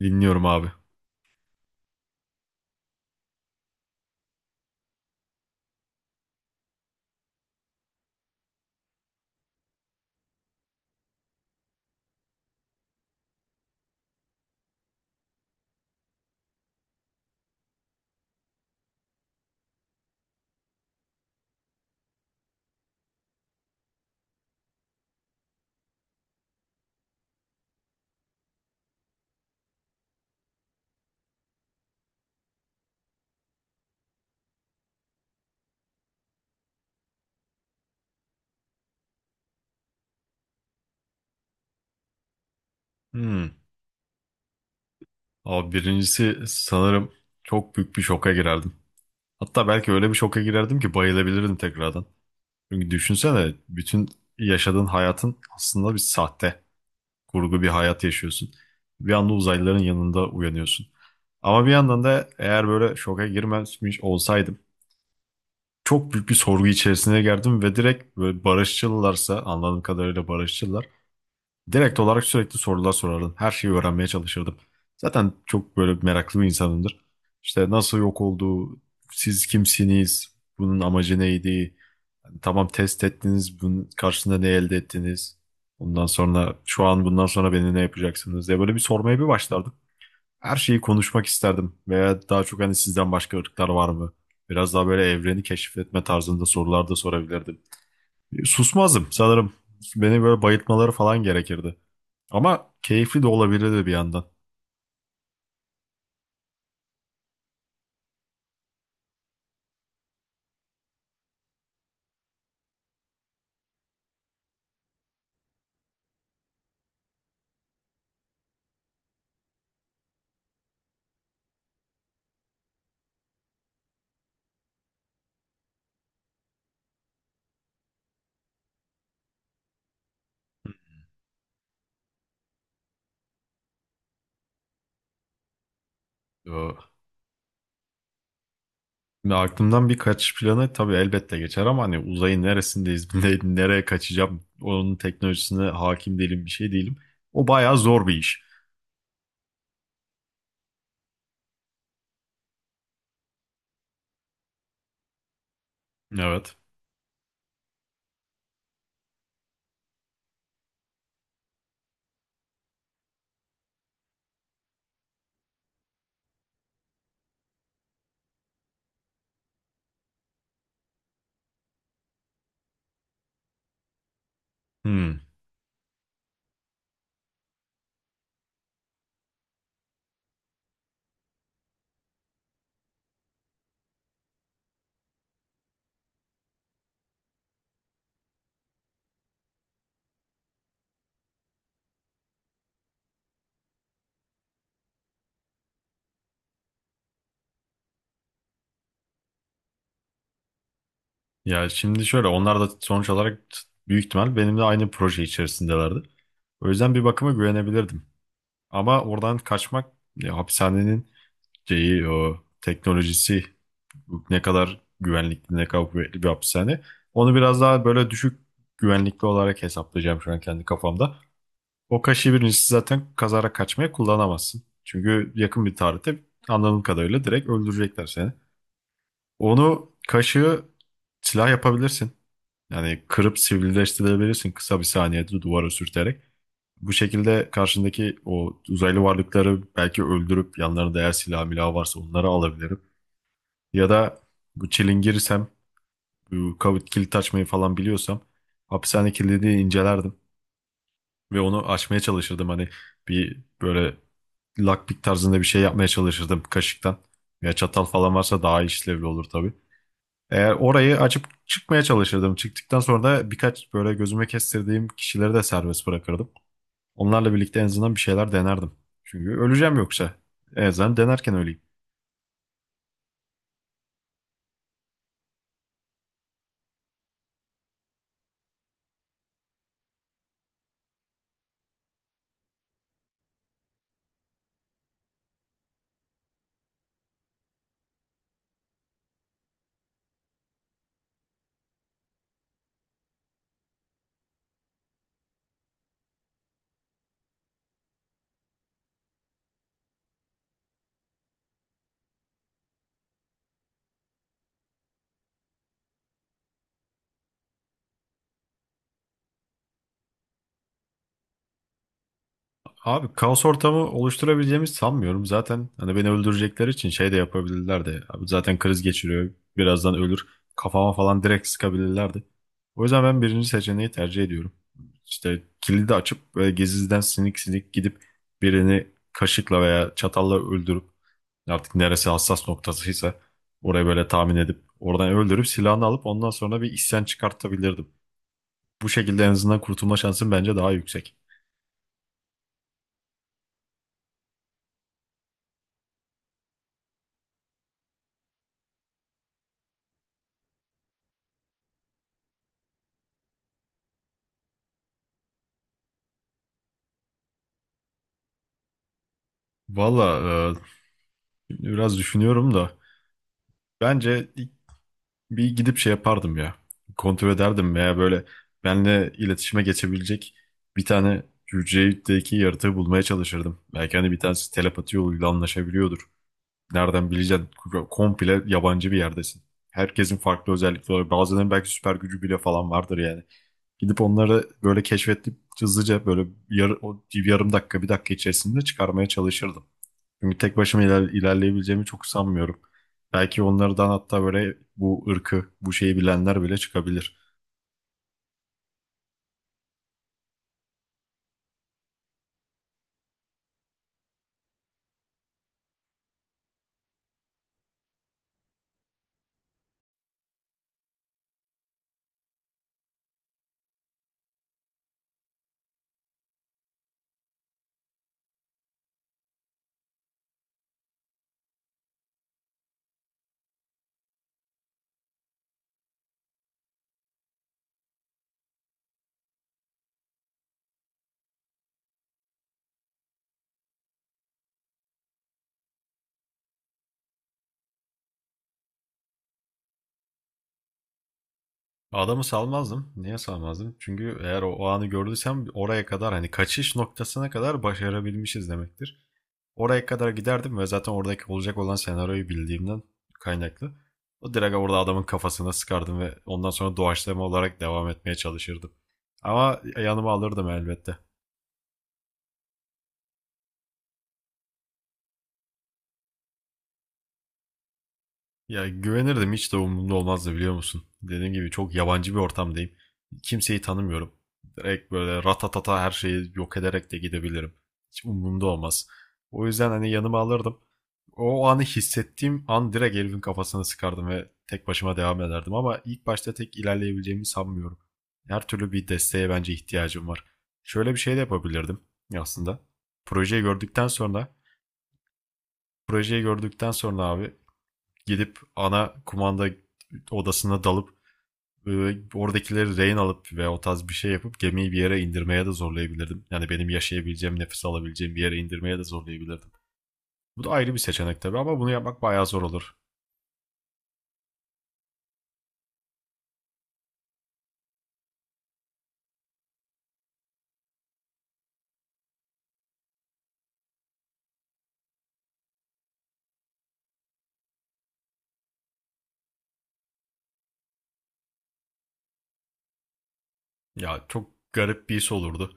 Dinliyorum abi. Hmm. Abi birincisi sanırım çok büyük bir şoka girerdim. Hatta belki öyle bir şoka girerdim ki bayılabilirdim tekrardan. Çünkü düşünsene bütün yaşadığın hayatın aslında bir sahte, kurgu bir hayat yaşıyorsun. Bir anda uzaylıların yanında uyanıyorsun. Ama bir yandan da eğer böyle şoka girmemiş olsaydım çok büyük bir sorgu içerisine girdim ve direkt böyle barışçılarsa anladığım kadarıyla barışçılar direkt olarak sürekli sorular sorardım. Her şeyi öğrenmeye çalışırdım. Zaten çok böyle meraklı bir insanımdır. İşte nasıl yok oldu, siz kimsiniz, bunun amacı neydi, tamam test ettiniz, bunun karşısında ne elde ettiniz, ondan sonra şu an bundan sonra beni ne yapacaksınız diye böyle bir sormaya bir başlardım. Her şeyi konuşmak isterdim veya daha çok hani sizden başka ırklar var mı? Biraz daha böyle evreni keşfetme tarzında sorular da sorabilirdim. Susmazdım sanırım. Beni böyle bayıltmaları falan gerekirdi. Ama keyifli de olabilirdi bir yandan. Ee, Şimdi aklımdan bir kaçış planı tabii elbette geçer ama hani uzayın neresindeyiz, nereye kaçacağım, onun teknolojisine hakim değilim, bir şey değilim. O bayağı zor bir iş. Evet. Hmm. Ya şimdi şöyle onlar da sonuç olarak büyük ihtimal benimle aynı proje içerisindelerdi. O yüzden bir bakıma güvenebilirdim. Ama oradan kaçmak ya, hapishanenin şeyi, o teknolojisi ne kadar güvenlikli, ne kadar kuvvetli bir hapishane. Onu biraz daha böyle düşük güvenlikli olarak hesaplayacağım şu an kendi kafamda. O kaşığı birincisi zaten kazara kaçmaya kullanamazsın. Çünkü yakın bir tarihte anladığım kadarıyla direkt öldürecekler seni. Onu kaşığı silah yapabilirsin. Yani kırıp sivrileştirebilirsin kısa bir saniyede duvara sürterek. Bu şekilde karşındaki o uzaylı varlıkları belki öldürüp yanlarında eğer silah milah varsa onları alabilirim. Ya da bu çilingirirsem bu kilit açmayı falan biliyorsam hapishane kilidini incelerdim ve onu açmaya çalışırdım. Hani bir böyle lockpick tarzında bir şey yapmaya çalışırdım kaşıktan. Ya çatal falan varsa daha işlevli olur tabii. Eğer orayı açıp çıkmaya çalışırdım. Çıktıktan sonra da birkaç böyle gözüme kestirdiğim kişileri de serbest bırakırdım. Onlarla birlikte en azından bir şeyler denerdim. Çünkü öleceğim yoksa. En azından denerken öleyim. Abi kaos ortamı oluşturabileceğimi sanmıyorum. Zaten hani beni öldürecekleri için şey de yapabilirlerdi. Abi zaten kriz geçiriyor. Birazdan ölür. Kafama falan direkt sıkabilirlerdi. O yüzden ben birinci seçeneği tercih ediyorum. İşte kilidi açıp böyle gezizden sinik sinik gidip birini kaşıkla veya çatalla öldürüp artık neresi hassas noktasıysa orayı böyle tahmin edip oradan öldürüp silahını alıp ondan sonra bir isyan çıkartabilirdim. Bu şekilde en azından kurtulma şansın bence daha yüksek. Valla şimdi biraz düşünüyorum da bence ilk bir gidip şey yapardım ya. Kontrol ederdim veya böyle benle iletişime geçebilecek bir tane hücredeki yaratığı bulmaya çalışırdım. Belki hani bir tanesi telepati yoluyla anlaşabiliyordur. Nereden bileceksin? Komple yabancı bir yerdesin. Herkesin farklı özellikleri var. Bazılarının belki süper gücü bile falan vardır yani. Gidip onları böyle keşfedip hızlıca böyle o yarım dakika bir dakika içerisinde çıkarmaya çalışırdım. Çünkü tek başıma ilerleyebileceğimi çok sanmıyorum. Belki onlardan hatta böyle bu ırkı, bu şeyi bilenler bile çıkabilir. Adamı salmazdım. Niye salmazdım? Çünkü eğer o, o anı gördüysem oraya kadar hani kaçış noktasına kadar başarabilmişiz demektir. Oraya kadar giderdim ve zaten oradaki olacak olan senaryoyu bildiğimden kaynaklı. O direkt orada adamın kafasına sıkardım ve ondan sonra doğaçlama olarak devam etmeye çalışırdım. Ama yanıma alırdım elbette. Ya güvenirdim, hiç de umurumda olmazdı biliyor musun? Dediğim gibi çok yabancı bir ortamdayım. Kimseyi tanımıyorum. Direkt böyle ratatata her şeyi yok ederek de gidebilirim. Hiç umurumda olmaz. O yüzden hani yanıma alırdım. O anı hissettiğim an direkt herifin kafasını sıkardım ve tek başıma devam ederdim. Ama ilk başta tek ilerleyebileceğimi sanmıyorum. Her türlü bir desteğe bence ihtiyacım var. Şöyle bir şey de yapabilirdim aslında. Projeyi gördükten sonra, projeyi gördükten sonra abi gidip ana kumanda odasına dalıp e, oradakileri rehin alıp ve o tarz bir şey yapıp gemiyi bir yere indirmeye de zorlayabilirdim. Yani benim yaşayabileceğim, nefes alabileceğim bir yere indirmeye de zorlayabilirdim. Bu da ayrı bir seçenek tabii ama bunu yapmak bayağı zor olur. Ya çok garip bir iş olurdu.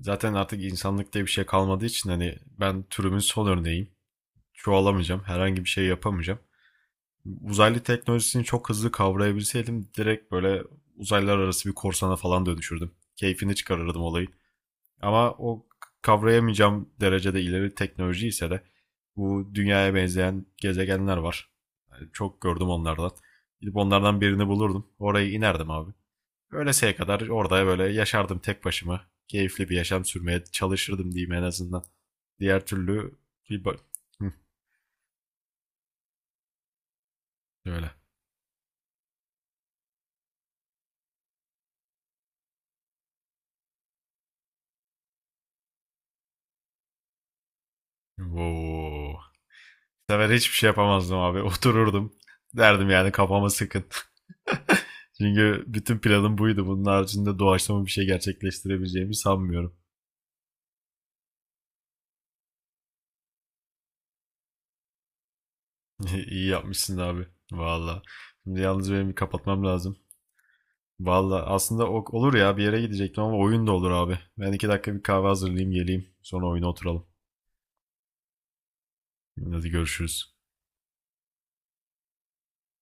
Zaten artık insanlık diye bir şey kalmadığı için hani ben türümün son örneğiyim. Çoğalamayacağım, herhangi bir şey yapamayacağım. Uzaylı teknolojisini çok hızlı kavrayabilseydim direkt böyle uzaylar arası bir korsana falan dönüşürdüm. Keyfini çıkarırdım olayı. Ama o kavrayamayacağım derecede ileri teknoloji ise de bu dünyaya benzeyen gezegenler var. Yani çok gördüm onlardan. Gidip onlardan birini bulurdum. Oraya inerdim abi. Öleseye kadar orada böyle yaşardım tek başıma. Keyifli bir yaşam sürmeye çalışırdım diyeyim en azından. Diğer türlü bir böyle. Hı. Bu sefer hiçbir şey yapamazdım abi. Otururdum. Derdim yani kafama sıkın. Çünkü bütün planım buydu. Bunun haricinde doğaçlama bir şey gerçekleştirebileceğimi sanmıyorum. İyi yapmışsın abi. Valla. Şimdi yalnız benim bir kapatmam lazım. Valla aslında olur ya bir yere gidecektim ama oyun da olur abi. Ben 2 dakika bir kahve hazırlayayım geleyim. Sonra oyuna oturalım. Hadi görüşürüz.